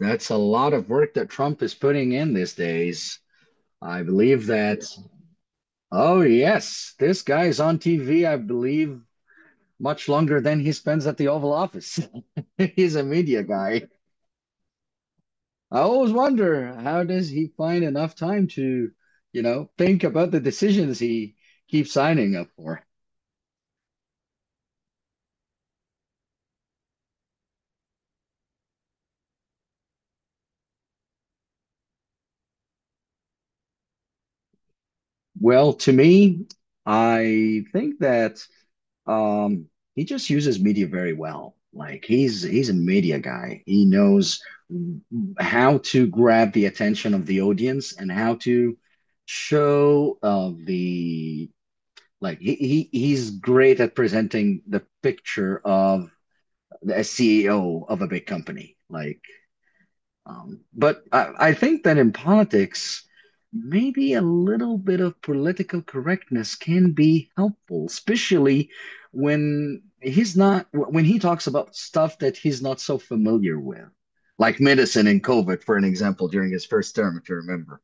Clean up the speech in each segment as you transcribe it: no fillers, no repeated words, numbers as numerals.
That's a lot of work that Trump is putting in these days. I believe that, oh, yes, this guy's on TV, I believe, much longer than he spends at the Oval Office. He's a media guy. I always wonder how does he find enough time to, think about the decisions he keeps signing up for? Well, to me, I think that Um, he just uses media very well. Like he's a media guy. He knows how to grab the attention of the audience and how to show the like he's great at presenting the picture of a CEO of a big company. Like but I think that in politics, maybe a little bit of political correctness can be helpful, especially when he's not, when he talks about stuff that he's not so familiar with, like medicine and COVID, for an example, during his first term, if you remember.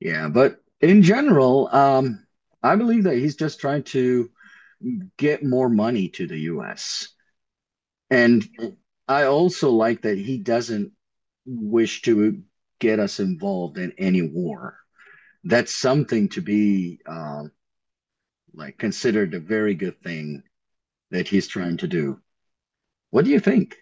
Yeah, but in general, I believe that he's just trying to get more money to the US. And I also like that he doesn't wish to get us involved in any war. That's something to be like considered a very good thing that he's trying to do. What do you think?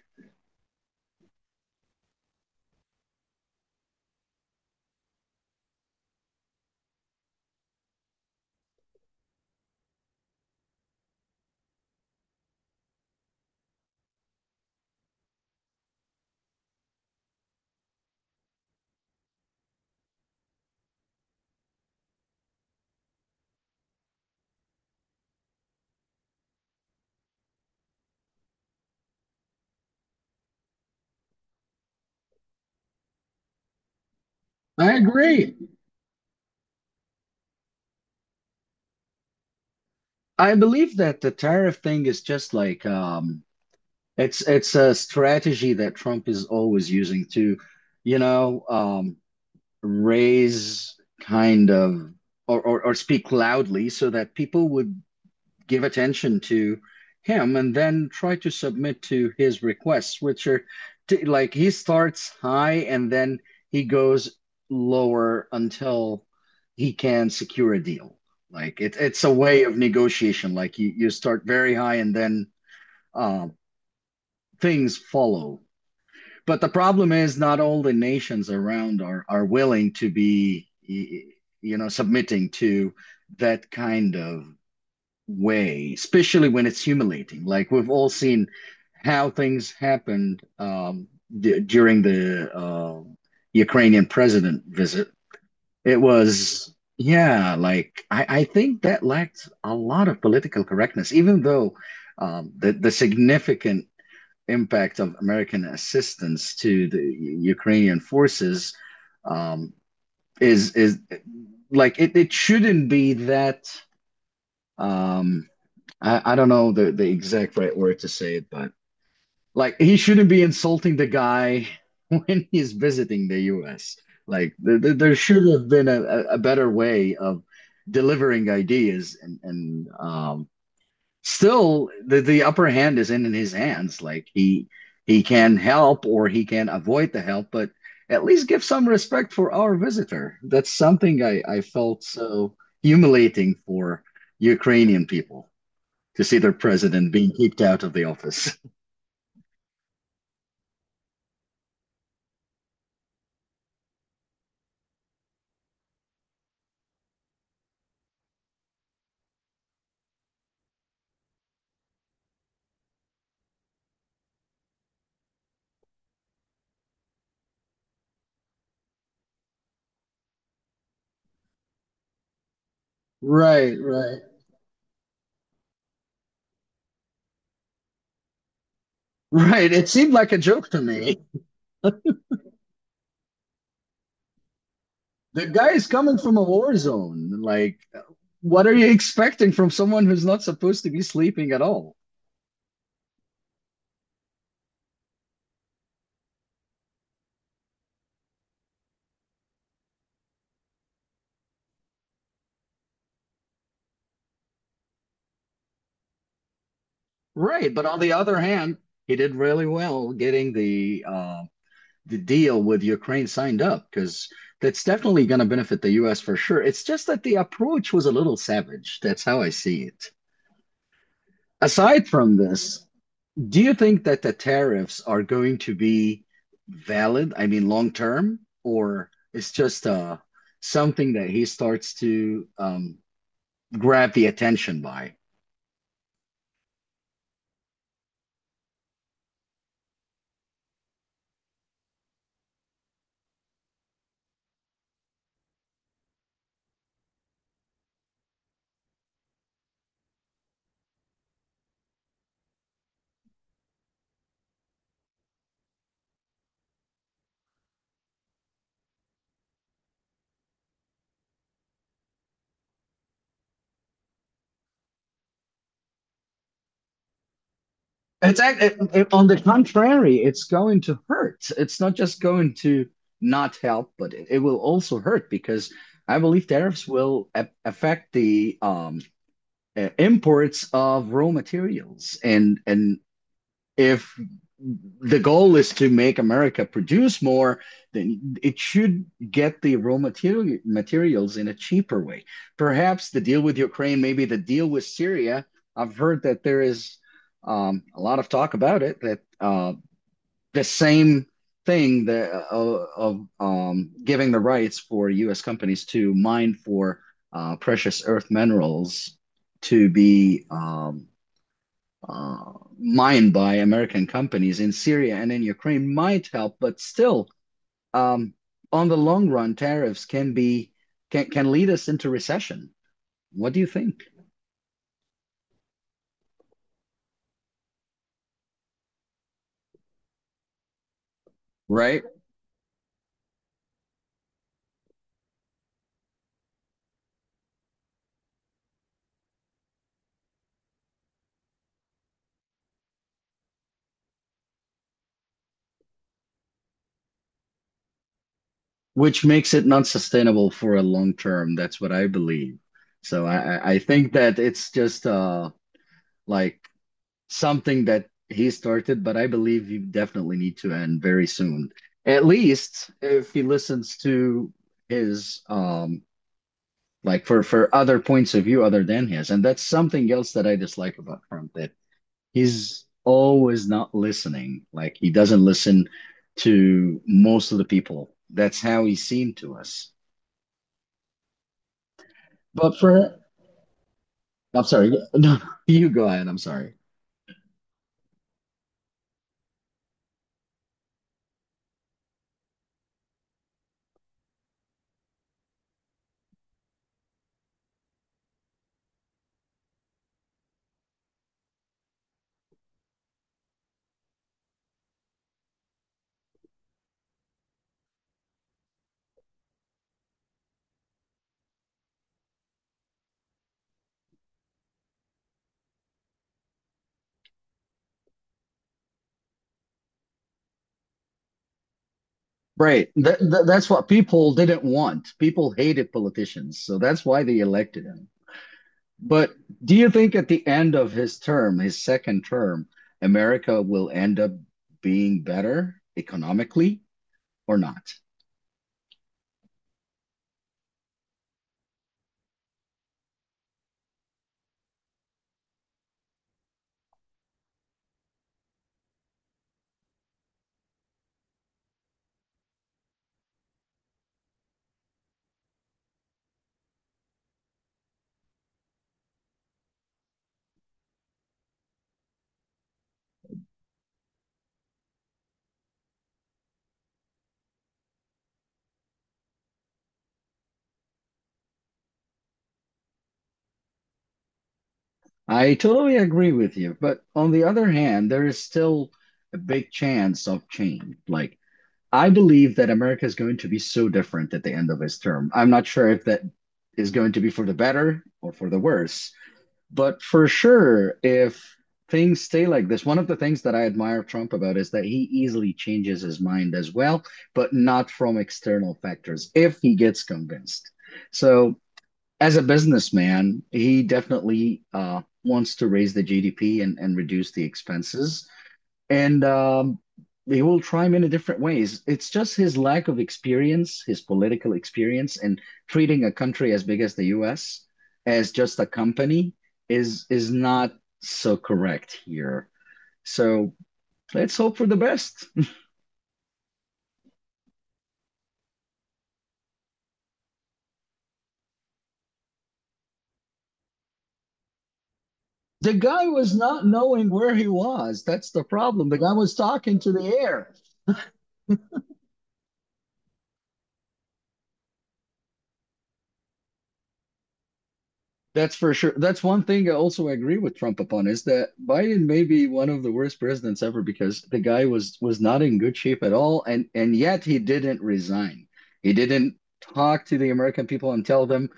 I agree. I believe that the tariff thing is just like it's a strategy that Trump is always using to, you know, um, raise kind of or speak loudly so that people would give attention to him and then try to submit to his requests, which are like he starts high and then he goes lower until he can secure a deal. Like it's a way of negotiation. Like you start very high and then uh, things follow. But the problem is not all the nations around are willing to be, you know, submitting to that kind of way, especially when it's humiliating. Like we've all seen how things happened d during the Ukrainian president visit. It was, yeah, like I think that lacked a lot of political correctness, even though the significant impact of American assistance to the Ukrainian forces um, is like it shouldn't be that. Um, I don't know the exact right word to say it, but like he shouldn't be insulting the guy when he's visiting the US. Like there should have been a better way of delivering ideas and still the upper hand is in his hands. Like he can help or he can avoid the help, but at least give some respect for our visitor. That's something I felt so humiliating for Ukrainian people to see their president being kicked out of the office. Right, right, right. It seemed like a joke to me. The guy is coming from a war zone. Like, what are you expecting from someone who's not supposed to be sleeping at all? Right, but on the other hand, he did really well getting the deal with Ukraine signed up because that's definitely going to benefit the U.S. for sure. It's just that the approach was a little savage. That's how I see it. Aside from this, do you think that the tariffs are going to be valid, I mean, long term, or it's just something that he starts to grab the attention by? It's on the contrary, it's going to hurt. It's not just going to not help, but it will also hurt because I believe tariffs will a affect the imports of raw materials and if the goal is to make America produce more, then it should get the raw materials in a cheaper way. Perhaps the deal with Ukraine, maybe the deal with Syria. I've heard that there is a lot of talk about it that the same thing that, of giving the rights for U.S. companies to mine for precious earth minerals to be uh, mined by American companies in Syria and in Ukraine might help, but still, um, on the long run, tariffs can be can lead us into recession. What do you think? Right? Which makes it not sustainable for a long term. That's what I believe. So I think that it's just like something that he started, but I believe you definitely need to end very soon. At least if he listens to his like for other points of view other than his, and that's something else that I dislike about Trump, that he's always not listening. Like he doesn't listen to most of the people. That's how he seemed to us. But for, I'm sorry, no, you go ahead, I'm sorry. Right. That's what people didn't want. People hated politicians. So that's why they elected him. But do you think at the end of his term, his second term, America will end up being better economically or not? I totally agree with you. But on the other hand, there is still a big chance of change. Like, I believe that America is going to be so different at the end of his term. I'm not sure if that is going to be for the better or for the worse. But for sure, if things stay like this, one of the things that I admire Trump about is that he easily changes his mind as well, but not from external factors if he gets convinced. So, as a businessman, he definitely wants to raise the GDP and reduce the expenses and he will try him in a different ways. It's just his lack of experience, his political experience, and treating a country as big as the U.S. as just a company is not so correct here. So let's hope for the best. The guy was not knowing where he was. That's the problem. The guy was talking to the air. That's for sure. That's one thing I also agree with Trump upon is that Biden may be one of the worst presidents ever because the guy was not in good shape at all, and yet he didn't resign. He didn't talk to the American people and tell them,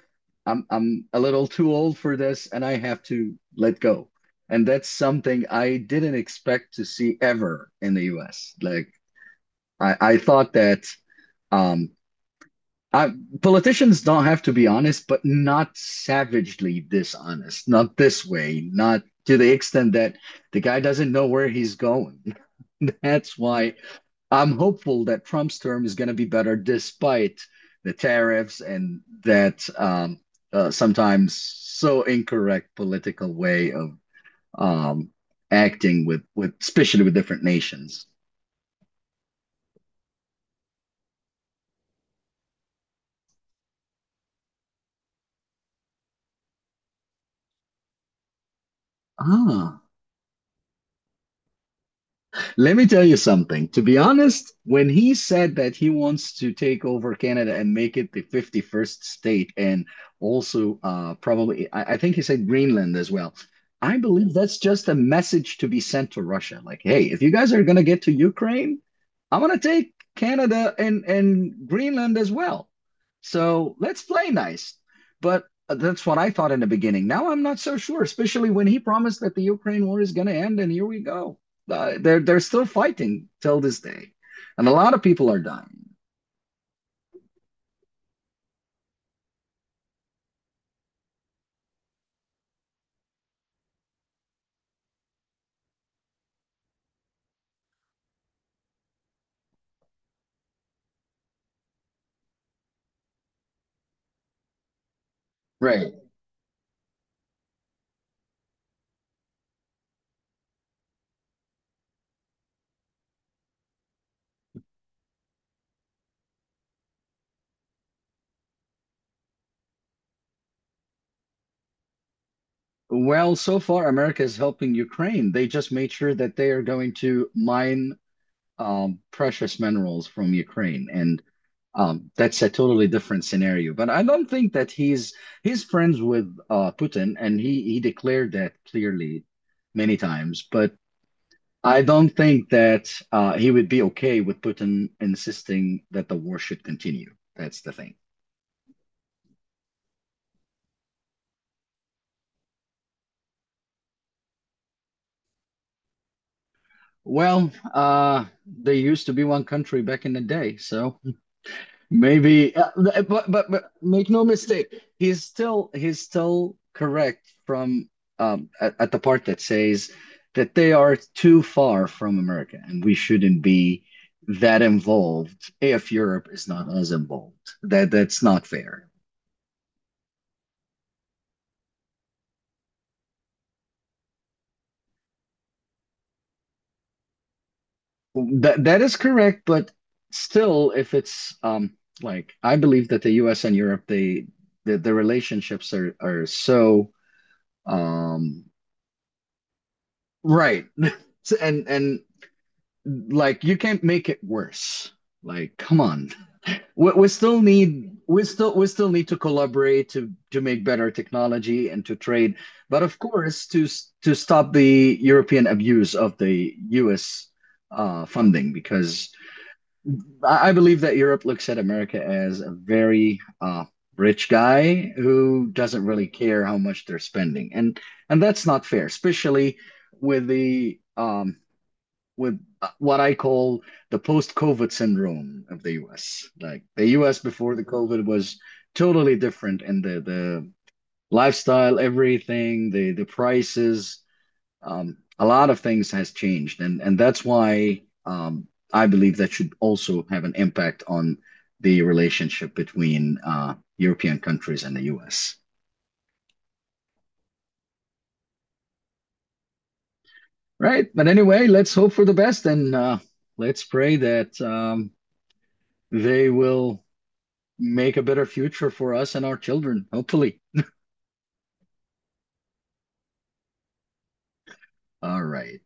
I'm a little too old for this, and I have to let go." And that's something I didn't expect to see ever in the U.S. Like I thought that um I, politicians don't have to be honest, but not savagely dishonest, not this way, not to the extent that the guy doesn't know where he's going. That's why I'm hopeful that Trump's term is going to be better despite the tariffs and that sometimes so incorrect political way of um, acting with, especially with different nations. Ah. Let me tell you something. To be honest, when he said that he wants to take over Canada and make it the 51st state, and also probably, I think he said Greenland as well. I believe that's just a message to be sent to Russia. Like, hey, if you guys are going to get to Ukraine, I'm going to take Canada and Greenland as well. So let's play nice. But that's what I thought in the beginning. Now I'm not so sure, especially when he promised that the Ukraine war is going to end, and here we go. They're still fighting till this day, and a lot of people are dying. Right. Well, so far America is helping Ukraine. They just made sure that they are going to mine precious minerals from Ukraine, and that's a totally different scenario. But I don't think that he's friends with Putin, and he declared that clearly many times. But I don't think that he would be okay with Putin insisting that the war should continue. That's the thing. Well, they used to be one country back in the day, so maybe. But make no mistake, he's still correct from at the part that says that they are too far from America, and we shouldn't be that involved if Europe is not as involved. That's not fair. That that is correct, but still, if it's like I believe that the U.S. and Europe, they the relationships are so um right, and like you can't make it worse. Like, come on, we still need to collaborate to make better technology and to trade, but of course to to stop the European abuse of the U.S. Funding because. I believe that Europe looks at America as a very rich guy who doesn't really care how much they're spending, and that's not fair, especially with the with what I call the post-COVID syndrome of the U.S. Like the U.S. before the COVID was totally different, and the lifestyle, everything, the prices, a lot of things has changed, and that's why I believe that should also have an impact on the relationship between European countries and the US. Right. But anyway, let's hope for the best and let's pray that they will make a better future for us and our children, hopefully. All right.